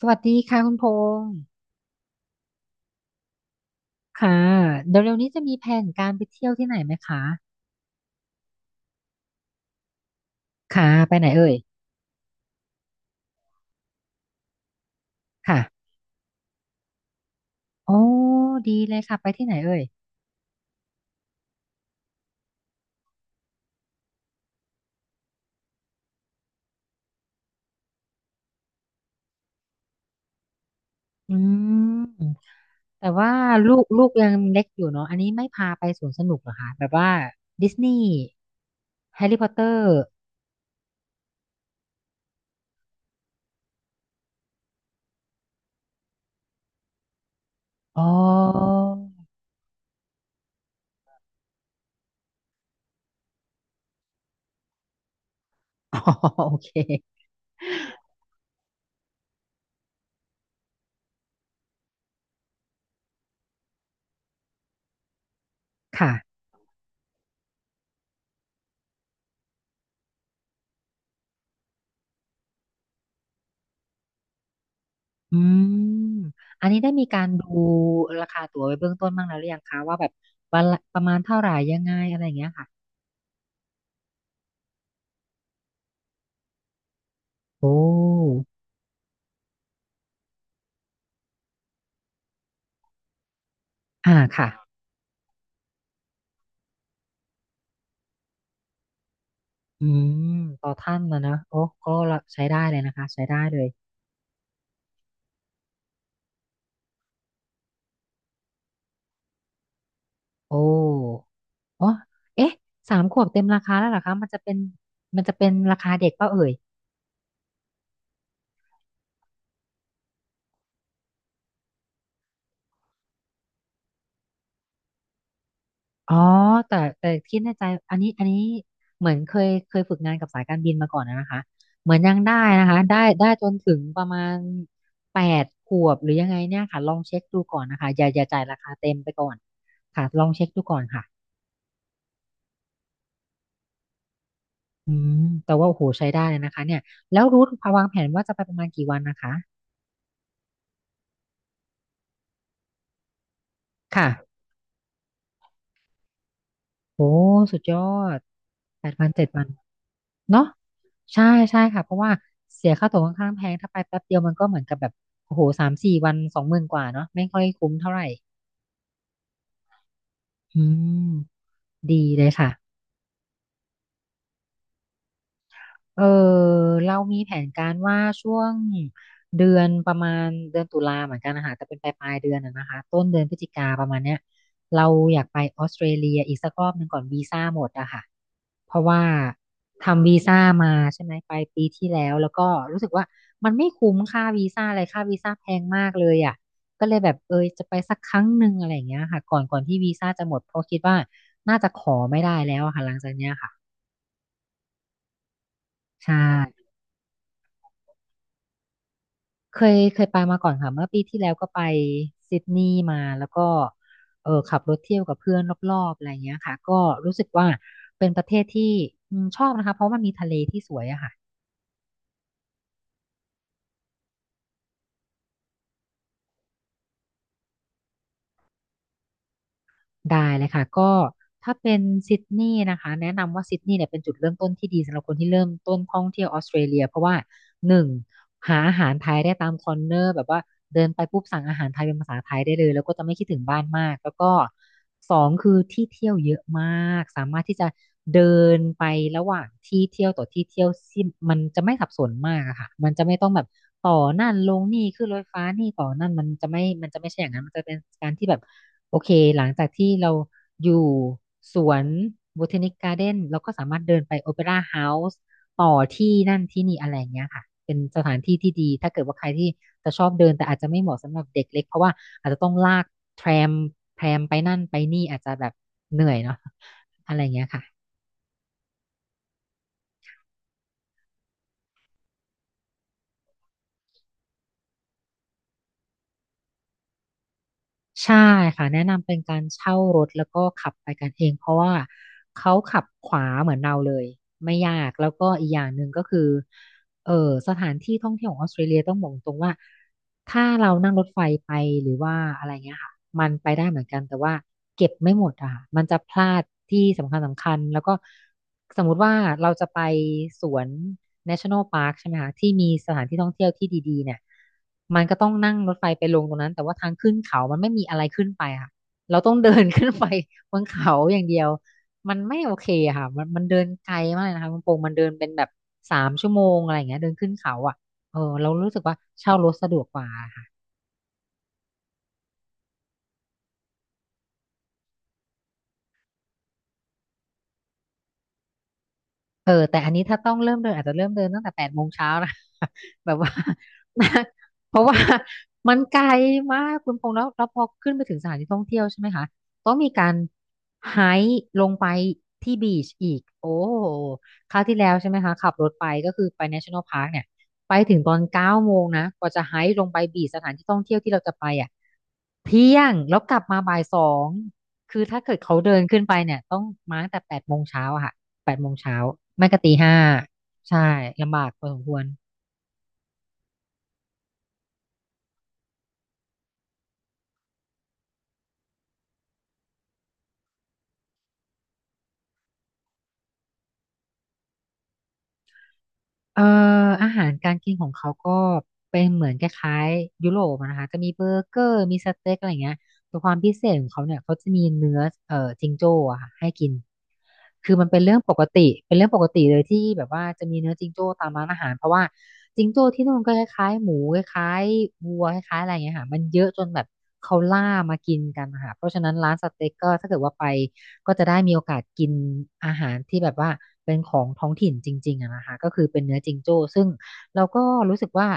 สวัสดีค่ะคุณพงษ์ค่ะ เดี๋ยวเร็วนี้จะมีแผนการไปเที่ยวที่ไหนไหมคะค่ะ ไปไหนเอ่ยค่ะโอ้ดีเลยค่ะ ไปที่ไหนเอ่ยอืม แต่ว่าลูกยังเล็กอยู่เนาะอันนี้ไม่พาไปสวนสนุกเหรอคะแบบว่าดิสนีย์แฮร์รี่พอตเตอร์อ๋อ อ๋อ โอเค ค่ะ อืม อันนี้ได้มีการดูราคาตั๋วไว้เบื้องต้นบ้างแล้วหรือยังคะว่าแบบวันละประมาณเท่าไหร่ยังไงอะไรอย่างเงี้ยค่ะโอ้ อ่าค่ะอืมต่อท่านนะนะโอ้ก็ใช้ได้เลยนะคะใช้ได้เลยโอ้อ๋อเอ๊ะสามขวบเต็มราคาแล้วเหรอคะมันจะเป็นราคาเด็กเปล่าเอ่ยอ๋อแต่คิดในใจอันนี้เหมือนเคยฝึกงานกับสายการบินมาก่อนนะนะคะเหมือนยังได้นะคะได้จนถึงประมาณแปดขวบหรือยังไงเนี่ยค่ะลองเช็คดูก่อนนะคะอย่าจ่ายราคาเต็มไปก่อนค่ะลองเช็คดูก่อนค่ะ อืมแต่ว่าโอ้โหใช้ได้เลยนะคะเนี่ยแล้วรูทวางแผนว่าจะไปประมาณกี่วันนะคะค่ะโอ้สุดยอดแปดวันเจ็ดวันเนาะใช่ใช่ค่ะเพราะว่าเสียค่าตั๋วค่อนข้างแพงถ้าไปแป๊บเดียวมันก็เหมือนกับแบบโอ้โหสามสี่วันสองหมื่นกว่าเนาะไม่ค่อยคุ้มเท่าไหร่อืมดีเลยค่ะ เออเรามีแผนการว่าช่วงเดือนประมาณเดือนตุลาเหมือนกันนะคะแต่เป็นปลายเดือนนะนะคะต้นเดือนพฤศจิกาประมาณเนี้ยเราอยากไปออสเตรเลียอีกสักรอบหนึ่งก่อนวีซ่าหมดอะค่ะเพราะว่าทำวีซ่ามาใช่ไหมไปปีที่แล้วแล้วก็รู้สึกว่ามันไม่คุ้มค่าวีซ่าอะไรค่าวีซ่าแพงมากเลยอะก็เลยแบบเออจะไปสักครั้งหนึ่งอะไรอย่างเงี้ยค่ะก่อนที่วีซ่าจะหมดเพราะคิดว่าน่าจะขอไม่ได้แล้วอะค่ะหลังจากเนี้ยค่ะใช่ เคยไปมาก่อนค่ะเมื่อปีที่แล้วก็ไปซิดนีย์มาแล้วก็เออขับรถเที่ยวกับเพื่อนรอบๆอะไรเงี้ยค่ะก็รู้สึกว่าเป็นประเทศที่อืมชอบนะคะเพราะมันมีทะเลที่สวยอะค่ะได้เลยค่ะก็ถ้าเป็นซิดนีย์นะคะแนะนำว่าซิดนีย์เนี่ยเป็นจุดเริ่มต้นที่ดีสำหรับคนที่เริ่มต้นท่องเที่ยวออสเตรเลียเพราะว่า หนึ่งหาอาหารไทยได้ตามคอร์เนอร์แบบว่าเดินไปปุ๊บสั่งอาหารไทยเป็นภาษาไทยได้เลยแล้วก็จะไม่คิดถึงบ้านมากแล้วก็สองคือที่เที่ยวเยอะมากสามารถที่จะเดินไประหว่างที่เที่ยวต่อที่เที่ยวซิ่งมันจะไม่สับสนมากอะค่ะมันจะไม่ต้องแบบต่อนั่นลงนี่ขึ้นรถไฟฟ้านี่ต่อนั่นมันจะไม่ใช่อย่างนั้นมันจะเป็นการที่แบบโอเคหลังจากที่เราอยู่สวน b บ t ท n นิ g การ์เด้นเราก็สามารถเดินไปโอเปร่าเฮาส์ ต่อที่นั่นที่นี่อะไรอย่างเงี้ยค่ะเป็นสถานที่ที่ดีถ้าเกิดว่าใครที่จะชอบเดินแต่อาจจะไม่เหมาะสำหรับเด็กเล็กเพราะว่าอาจจะต้องลากแทรมแทรมไปนั่นไปนี่อาจจะแบบเหนื่อยเนาะอะไรอย่างเงี้ยค่ะใช่ค่ะแนะนำเป็นการเช่ารถแล้วก็ขับไปกันเองเพราะว่าเขาขับขวาเหมือนเราเลยไม่ยากแล้วก็อีกอย่างหนึ่งก็คือ เออสถานที่ท่องเที่ยวของออสเตรเลียต้องบอกตรงว่าถ้าเรานั่งรถไฟไปหรือว่าอะไรเงี้ยค่ะมันไปได้เหมือนกันแต่ว่าเก็บไม่หมดอะค่ะมันจะพลาดที่สำคัญแล้วก็สมมุติว่าเราจะไปสวน National Park ใช่ไหมคะที่มีสถานที่ท่องเที่ยวที่ดีๆเนี่ยมันก็ต้องนั่งรถไฟไปลงตรงนั้นแต่ว่าทางขึ้นเขา มันไม่มีอะไรขึ้นไปอะค่ะเราต้องเดิน ขึ้นไปบนเขาอย่างเดียว มันไม่โอเคอะค่ะมันเดินไกลมากเลยนะคะคุณพงษ์มันเดินเป็นแบบ3 ชั่วโมงอะไรอย่างเงี้ยเดินขึ้นเขาอ่ะเออเรารู้สึกว่าเช่ารถสะดวกกว่าค่ะ เออแต่อันนี้ถ้าต้องเริ่มเดินอาจจะเริ่มเดินตั้งแต่8 โมงเช้านะ แบบว่า เพราะว่ามันไกลมากคุณพงษ์แล้วพอขึ้นไปถึงสถานที่ท่องเที่ยวใช่ไหมคะต้องมีการไฮค์ลงไปที่บีชอีกโอ้โหคราวที่แล้วใช่ไหมคะขับรถไปก็คือไป National Park เนี่ยไปถึงตอน9 โมงนะกว่าจะไฮค์ลงไปบีชสถานที่ท่องเที่ยวที่เราจะไปอ่ะเที่ยงแล้วกลับมาบ่าย 2คือถ้าเกิดเขาเดินขึ้นไปเนี่ยต้องมาตั้งแต่8 โมงเช้าค่ะ ไม่ก็ตี 5ใช่ลำบากพอสมควรเอ่ออาหารการกินของเขาก็เป็นเหมือนคล้ายๆยุโรปอะนะคะจะมีเบอร์เกอร์มีสเต็กอะไรอย่างเงี้ยแต่ความพิเศษของเขาเนี่ยเขาจะมีเนื้อจิงโจ้อะค่ะให้กินคือมันเป็นเรื่องปกติเป็นเรื่องปกติเลยที่แบบว่าจะมีเนื้อจิงโจ้ตามร้านอาหารเพราะว่าจิงโจ้ที่นู่นก็คล้ายๆหมูคล้ายๆวัวคล้ายๆอะไรอย่างเงี้ยค่ะมันเยอะจนแบบเขาล่ามากินกันนะคะเพราะฉะนั้นร้านสเต็กก็ถ้าเกิดว่าไป ก็จะได้มีโอกาสกินอาหารที่แบบว่าเป็นของท้องถิ่นจริงๆอะนะคะก็คือเป็นเนื้อจิงโจ้ซึ่งเราก็รู้สึกว่า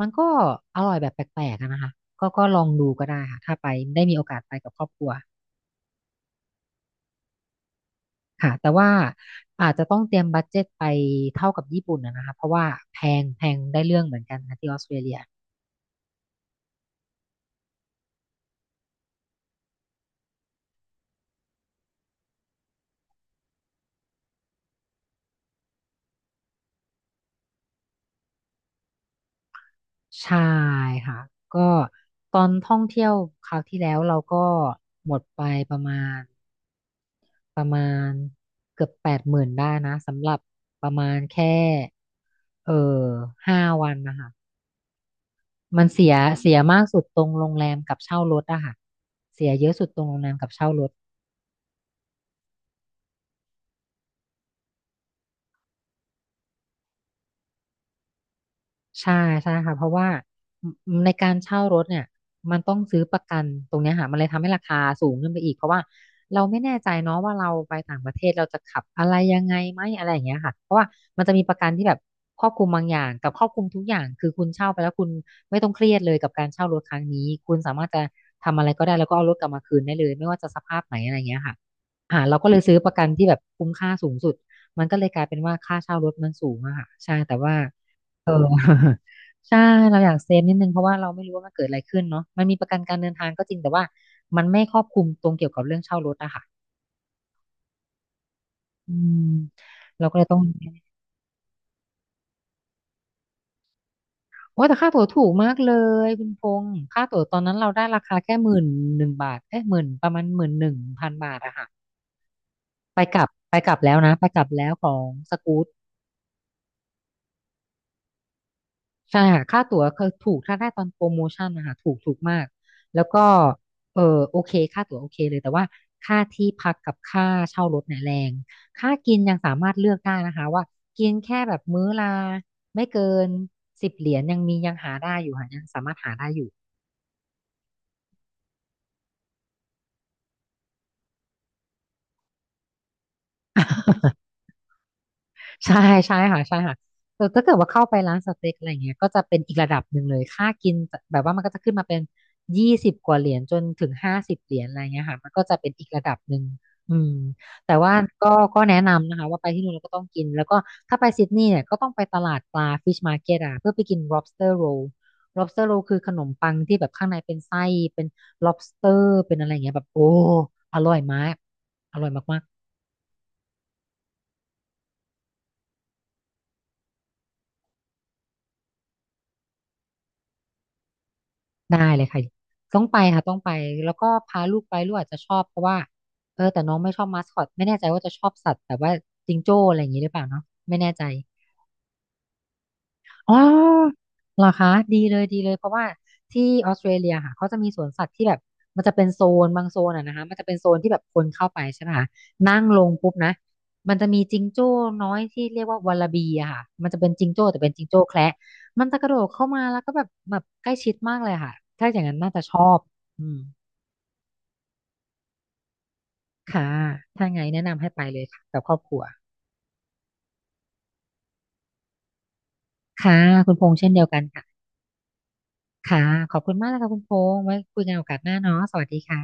มันก็อร่อยแบบแปลกๆอะนะคะก็ลองดูก็ได้ค่ะถ้าไปได้มีโอกาสไปกับครอบครัวค่ะแต่ว่าอาจจะต้องเตรียมบัดเจ็ตไปเท่ากับญี่ปุ่นอะนะคะเพราะว่าแพงแพงได้เรื่องเหมือนกันค่ะที่ออสเตรเลียใช่ค่ะก็ตอนท่องเที่ยวคราวที่แล้วเราก็หมดไปประมาณ ประมาณเกือบ 80,000ได้นะสำหรับประมาณแค่เออ5 วันนะคะมันเสียมากสุดตรงโรงแรมกับเช่ารถอะค่ะเสียเยอะสุดตรงโรงแรมกับเช่ารถ ใช่ใช่ค่ะเพราะว่าในการเช่ารถเนี่ยมันต้องซื้อประกันตรงเนี้ยค่ะมันเลยทำให้ราคาสูงขึ้นไปอีกเพราะว่าเราไม่แน่ใจเนาะว่าเราไปต่างประเทศเราจะขับอะไรยังไงไหมอะไรอย่างเงี้ยค่ะเพราะว่ามันจะมีประกันที่แบบครอบคลุมบางอย่างกับครอบคลุมทุกอย่างคือคุณเช่าไปแล้วคุณไม่ต้องเครียดเลยกับการเช่ารถครั้งนี้คุณสามารถจะทำอะไรก็ได้แล้วก็เอารถกลับมาคืนได้เลยไม่ว่าจะสภาพไหนอะไรอย่างเงี้ยค่ะเราก็เลยซื้อประกันที่แบบคุ้มค่าสูงสุดมันก็เลยกลายเป็นว่าค่าเช่ารถมันสูงอะค่ะใช่แต่ว่า เออ ใช่เราอยากเซฟนิดนึงเพราะว่าเราไม่รู้ว่ามันเกิดอะไรขึ้นเนาะมันมีประกันการเดินทางก็จริงแต่ว่ามันไม่ครอบคลุมตรงเกี่ยวกับเรื่องเช่ารถอะค่ะอืมเราก็เลยต้องโอ้แต่ค่าตั๋วถูกมากเลยคุณพงษ์ค่าตั๋วตอนนั้นเราได้ราคาแค่11,000 บาทเอ๊หมื่นประมาณ11,000 บาทอะค่ะไปกลับไปกลับแล้วนะไปกลับแล้วของสกู๊ต ใช่ค่ะค่าตั๋วคือถูกถ้าได้ตอนโปรโมชั่นนะคะถูกถูกมากแล้วก็เออโอเคค่าตั๋วโอเคเลยแต่ว่าค่าที่พักกับค่าเช่ารถเนี่ยแรงค่ากินยังสามารถเลือกได้นะคะว่ากินแค่แบบมื้อละไม่เกินสิบเหรียญยังมียังหาได้อยู่ค่ะยังสามารถหาได้อยู่ ใช่ใช่ค่ะใช่ค่ะแต่ถ้าเกิดว่าเข้าไปร้านสเต็กอะไรเงี้ยก็จะเป็นอีกระดับหนึ่งเลยค่ากินแบบว่ามันก็จะขึ้นมาเป็น20 กว่าเหรียญจนถึง50 เหรียญอะไรเงี้ยค่ะมันก็จะเป็นอีกระดับหนึ่งอืมแต่ว่าก็แนะนำนะคะว่าไปที่นู่นแล้วก็ต้องกินแล้วก็ถ้าไปซิดนีย์เนี่ยก็ต้องไปตลาดปลา Fish Market อ่ะเพื่อไปกิน lobster roll lobster roll คือขนมปังที่แบบข้างในเป็นไส้เป็น lobster เป็นอะไรเงี้ยแบบโอ้อร่อยมากอร่อยมากๆ ได้เลยค่ะต้องไปค่ะต้องไปแล้วก็พาลูกไปลูกอาจจะชอบเพราะว่าเออแต่น้องไม่ชอบมาสคอตไม่แน่ใจว่าจะชอบสัตว์แบบว่าจิงโจ้อะไรอย่างนี้หรือเปล่าเนาะไม่แน่ใจ อ๋อเหรอคะดีเลยดีเลยเพราะว่าที่ออสเตรเลียค่ะเขาจะมีสวนสัตว์ที่แบบมันจะเป็นโซนบางโซนอ่ะนะคะมันจะเป็นโซนที่แบบคนเข้าไปใช่ไหมคะนั่งลงปุ๊บนะมันจะมีจิงโจ้น้อยที่เรียกว่าวาลาบีอะค่ะมันจะเป็นจิงโจ้แต่เป็นจิงโจ้แคระมันจะกระโดดเข้ามาแล้วก็แบบใกล้ชิดมากเลยค่ะถ้าอย่างนั้นน่าจะชอบอืมค่ะถ้าไงแนะนำให้ไปเลยค่ะกับครอบครัวค่ะคุณพงษ์เช่นเดียวกันค่ะค่ะขอบคุณมากนะคะคุณพงษ์ไว้คุยกันโอกาสหน้าเนาะสวัสดีค่ะ